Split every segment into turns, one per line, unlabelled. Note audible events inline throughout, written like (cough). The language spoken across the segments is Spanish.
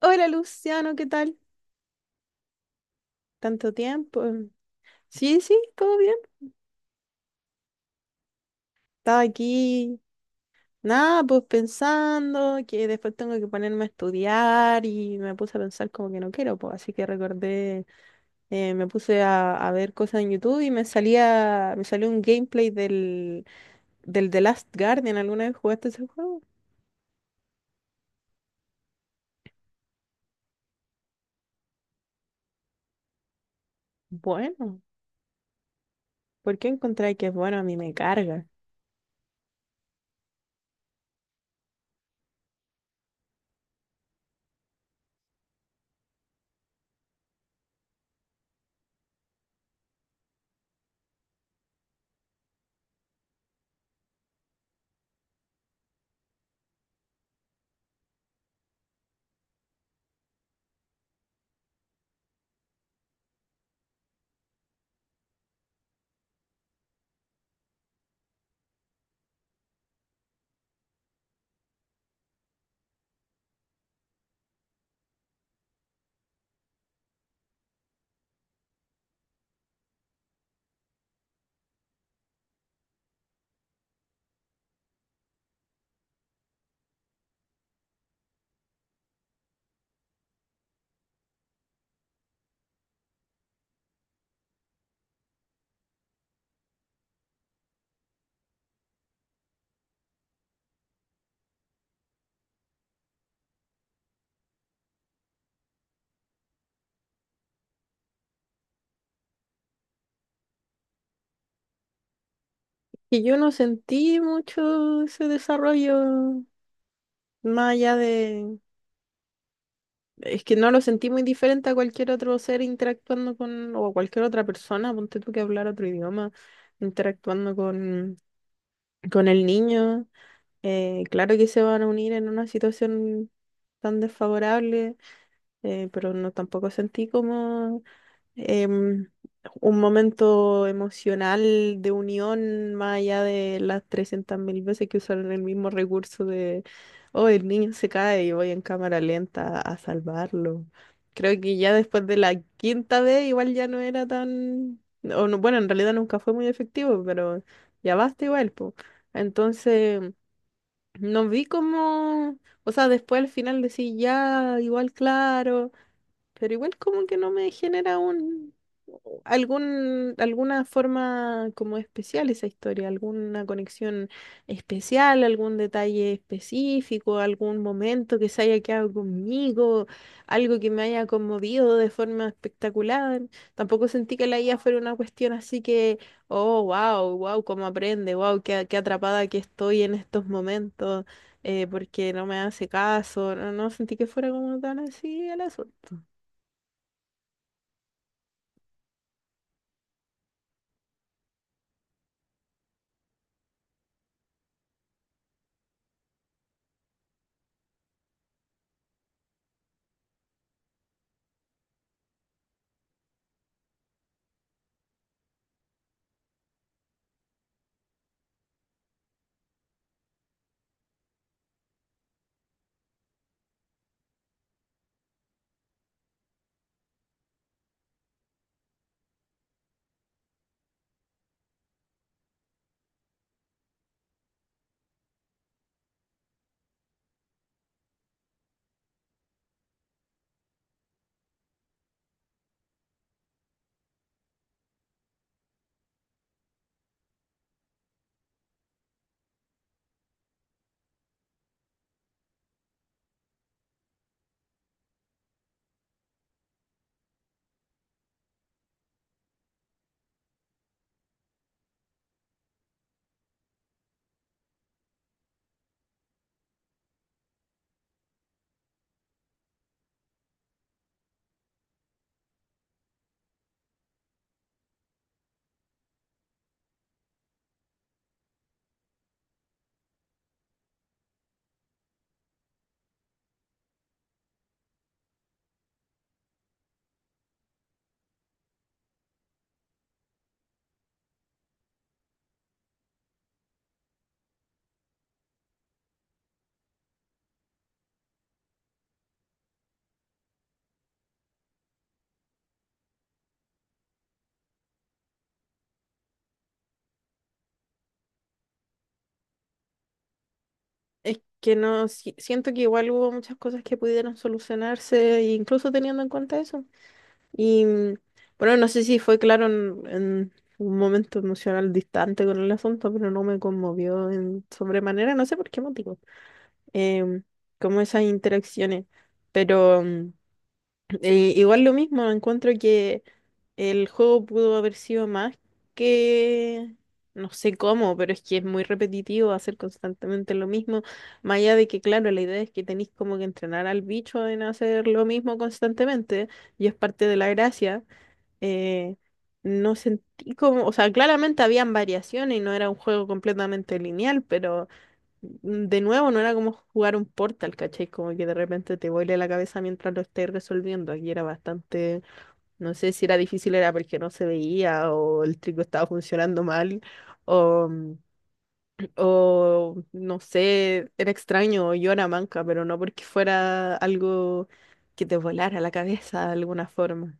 Hola Luciano, ¿qué tal? Tanto tiempo. Mm, sí, sí, todo bien. Estaba aquí, nada, pues pensando que después tengo que ponerme a estudiar y me puse a pensar como que no quiero, pues así que recordé, me puse a ver cosas en YouTube y me salió un gameplay del The Last Guardian. ¿Alguna vez jugaste ese juego? Bueno, ¿por qué encontré que es bueno? A mí me carga. Y yo no sentí mucho ese desarrollo más allá de... Es que no lo sentí muy diferente a cualquier otro ser interactuando con, o a cualquier otra persona, ponte tú que hablar otro idioma, interactuando con el niño. Claro que se van a unir en una situación tan desfavorable, pero no tampoco sentí como em, un momento emocional de unión más allá de las 300.000 veces que usaron el mismo recurso de, oh, el niño se cae y voy en cámara lenta a salvarlo. Creo que ya después de la quinta vez igual ya no era tan, o no- bueno, en realidad nunca fue muy efectivo, pero ya basta igual, po. Entonces, no vi como, o sea, después al final decía ya, igual claro, pero igual como que no me genera un algún alguna forma como especial esa historia, alguna conexión especial, algún detalle específico, algún momento que se haya quedado conmigo, algo que me haya conmovido de forma espectacular. Tampoco sentí que la IA fuera una cuestión así que, oh, wow, wow, cómo aprende, wow, qué atrapada que estoy en estos momentos, porque no me hace caso. No sentí que fuera como tan así el asunto. Es que no, si- siento que igual hubo muchas cosas que pudieron solucionarse, e incluso teniendo en cuenta eso. Y bueno, no sé si fue claro en un momento emocional distante con el asunto, pero no me conmovió en sobremanera, no sé por qué motivo, em, como esas interacciones. Pero igual lo mismo, encuentro que el juego pudo haber sido más que... No sé cómo, pero es que es muy repetitivo hacer constantemente lo mismo. Más allá de que, claro, la idea es que tenéis como que entrenar al bicho en hacer lo mismo constantemente, y es parte de la gracia. eh, no sentí como, o sea, claramente habían variaciones y no era un juego completamente lineal, pero de nuevo no era como jugar un Portal, ¿cachai? Como que de repente te vuele la cabeza mientras lo estés resolviendo. Aquí era bastante, no sé si era difícil, era porque no se veía o el trigo estaba funcionando mal o, o no sé, era extraño, o yo era manca, pero no porque fuera algo que te volara la cabeza de alguna forma.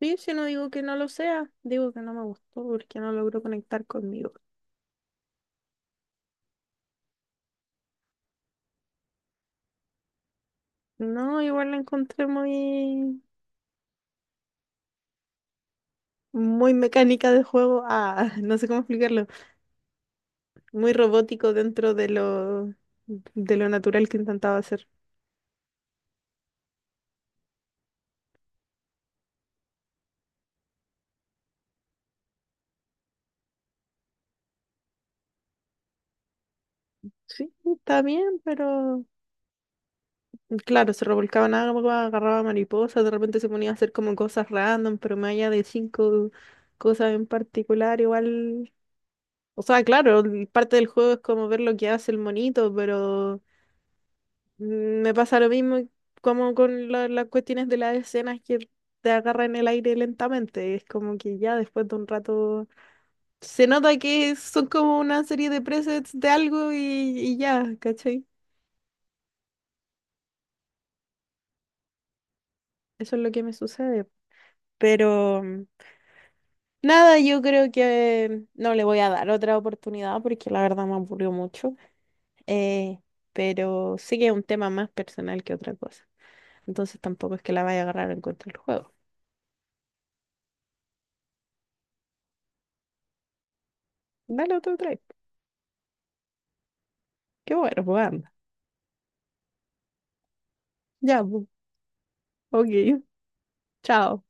Sí, si no digo que no lo sea, digo que no me gustó porque no logró conectar conmigo. No, igual la encontré muy, muy mecánica de juego. Ah, (laughs) no sé cómo explicarlo. Muy robótico dentro de lo natural que intentaba hacer. Sí, está bien, pero claro, se revolcaba en agua, agarraba mariposas, de repente se ponía a hacer como cosas random, pero más allá de 5 cosas en particular, igual, o sea, claro, el- parte del juego es como ver lo que hace el monito, pero me pasa lo mismo como con la- las cuestiones de las escenas que te agarran en el aire lentamente, es como que ya después de un rato se nota que son como una serie de presets de algo y ya, ¿cachai? Eso es lo que me sucede. Pero nada, yo creo que no le voy a dar otra oportunidad porque la verdad me aburrió mucho. Eh, pero sí que es un tema más personal que otra cosa. Entonces tampoco es que la vaya a agarrar en contra del juego. Dale otro try. Qué bueno, pues anda. Ya, pues. Ok. Chao.